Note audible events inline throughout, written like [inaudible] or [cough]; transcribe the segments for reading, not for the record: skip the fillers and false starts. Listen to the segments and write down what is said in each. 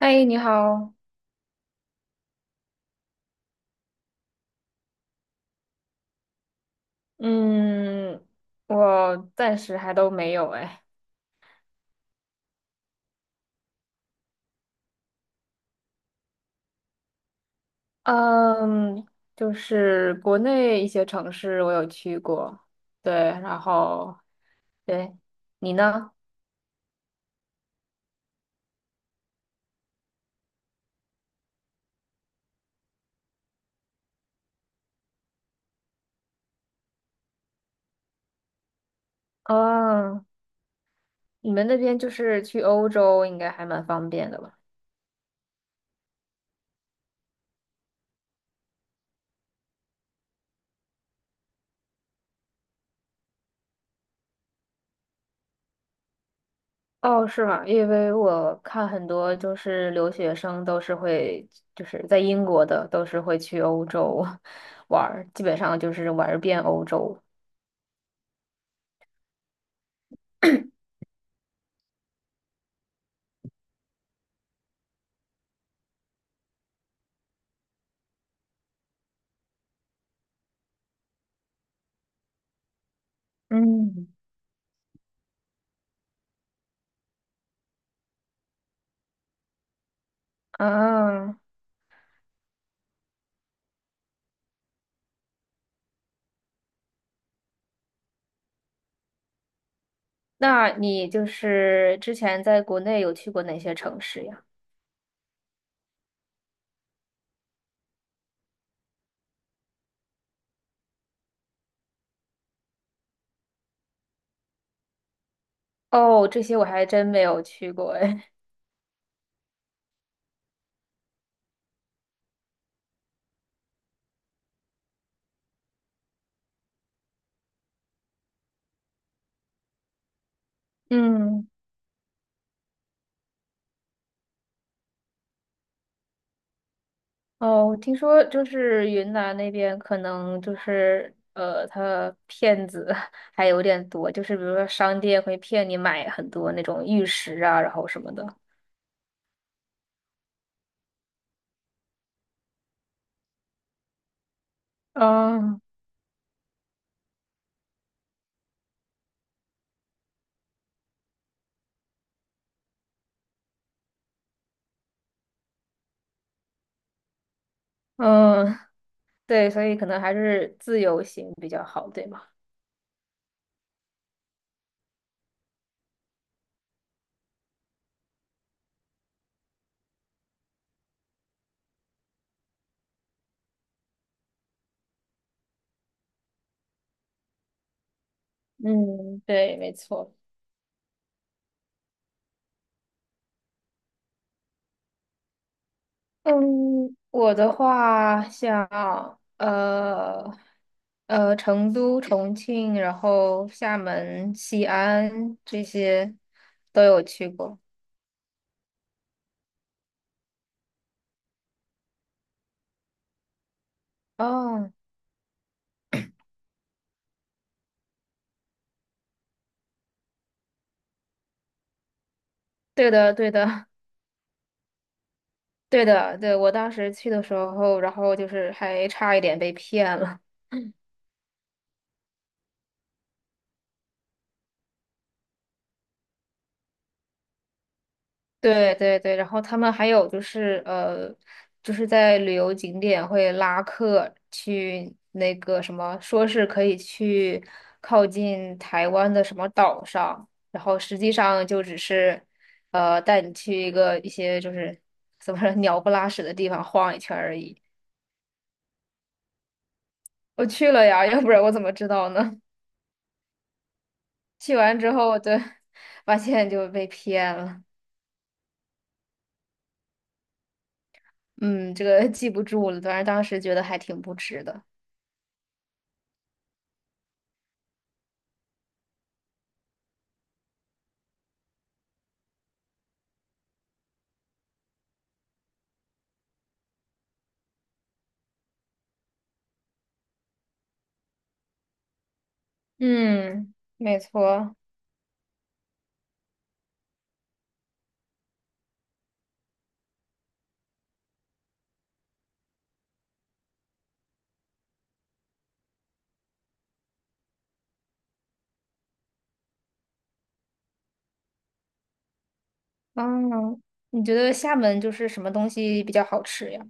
嗨，你好。嗯，我暂时还都没有哎。嗯，就是国内一些城市我有去过，对，然后对，你呢？哦，你们那边就是去欧洲应该还蛮方便的吧？哦，是吗？因为我看很多就是留学生都是会，就是在英国的都是会去欧洲 [laughs] 玩儿，基本上就是玩儿遍欧洲。嗯。啊，那你就是之前在国内有去过哪些城市呀？哦，这些我还真没有去过哎。[laughs] 嗯，哦，听说就是云南那边可能就是他骗子 [laughs] 还有点多，就是比如说商店会骗你买很多那种玉石啊，然后什么的。嗯嗯，[laughs] 对，所以可能还是自由行比较好，对吗？嗯，对，没错。嗯，我的话像呃成都、重庆，然后厦门、西安这些都有去过。哦，对的，对的，[laughs] 对的，对，我当时去的时候，然后就是还差一点被骗了。对对对，然后他们还有就是就是在旅游景点会拉客去那个什么，说是可以去靠近台湾的什么岛上，然后实际上就只是带你去一些就是怎么说鸟不拉屎的地方晃一圈而已。我去了呀，要不然我怎么知道呢？[laughs] 去完之后，对，发现就被骗了。嗯，这个记不住了，反正当时觉得还挺不值的。嗯，没错。嗯，你觉得厦门就是什么东西比较好吃呀？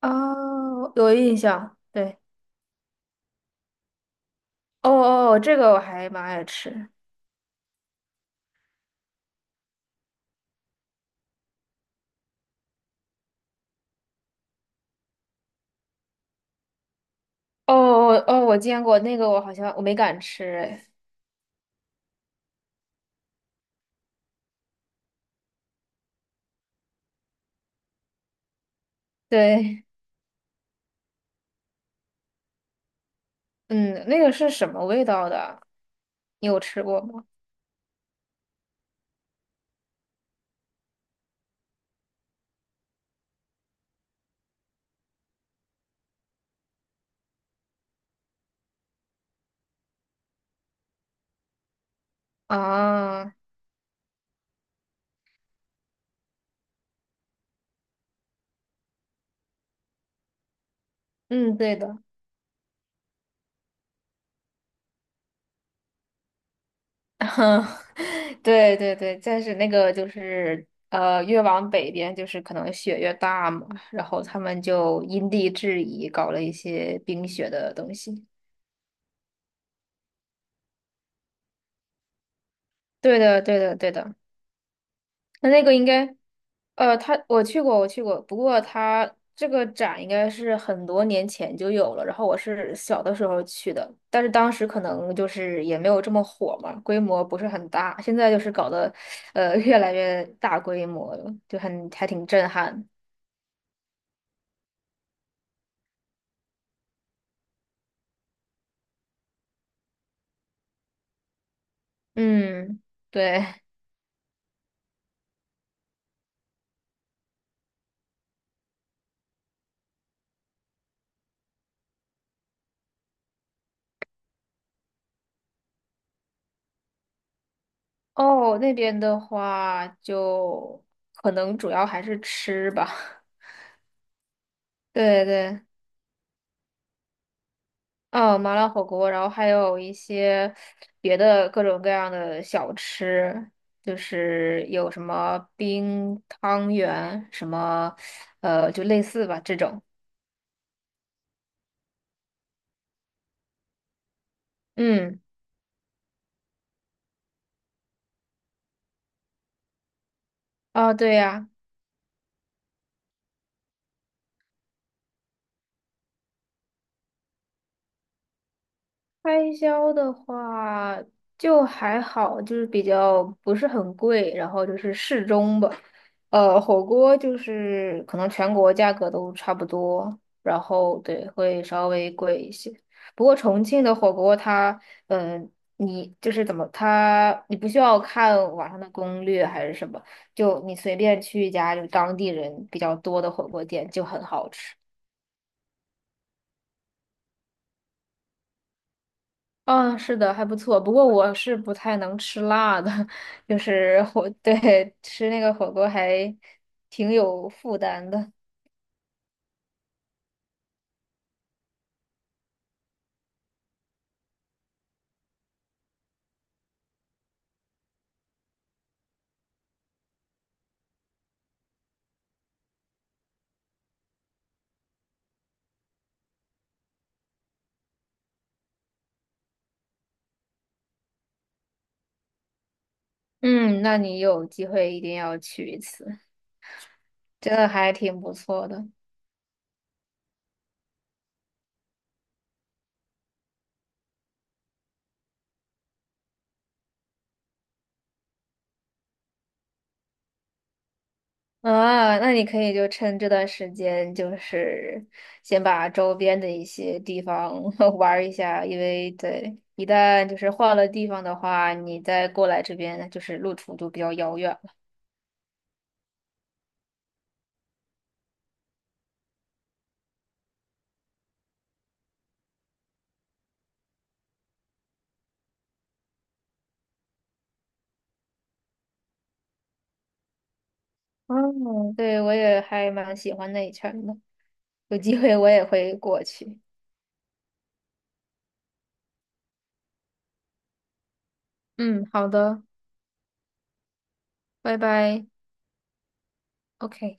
哦，有印象。对，哦哦，这个我还蛮爱吃。哦哦哦，我见过那个，我好像没敢吃。哎，对，嗯，那个是什么味道的？你有吃过吗？啊，嗯，对的。[laughs] 对对对，但是那个就是越往北边就是可能雪越大嘛，然后他们就因地制宜搞了一些冰雪的东西。对的，对的，对的。那那个应该，他我去过，我去过，不过他这个展应该是很多年前就有了，然后我是小的时候去的，但是当时可能就是也没有这么火嘛，规模不是很大，现在就是搞得，越来越大规模了，就很还挺震撼。嗯，对。哦，那边的话就可能主要还是吃吧。[laughs] 对对。哦，麻辣火锅，然后还有一些别的各种各样的小吃，就是有什么冰汤圆，什么，就类似吧这种。嗯，哦，对呀、开销的话就还好，就是比较不是很贵，然后就是适中吧。火锅就是可能全国价格都差不多，然后对，会稍微贵一些。不过重庆的火锅它，嗯、你就是怎么它，你不需要看网上的攻略还是什么，就你随便去一家就是当地人比较多的火锅店就很好吃。嗯，是的，还不错。不过我是不太能吃辣的，[laughs] 就是火，[laughs] 对，吃那个火锅还挺有负担的。嗯，那你有机会一定要去一次，真的还挺不错的。啊，那你可以就趁这段时间，就是先把周边的一些地方 [laughs] 玩儿一下，因为对，一旦就是换了地方的话，你再过来这边就是路途就比较遥远了。嗯，对，我也还蛮喜欢那一圈的。有机会我也会过去。嗯，好的，拜拜，OK。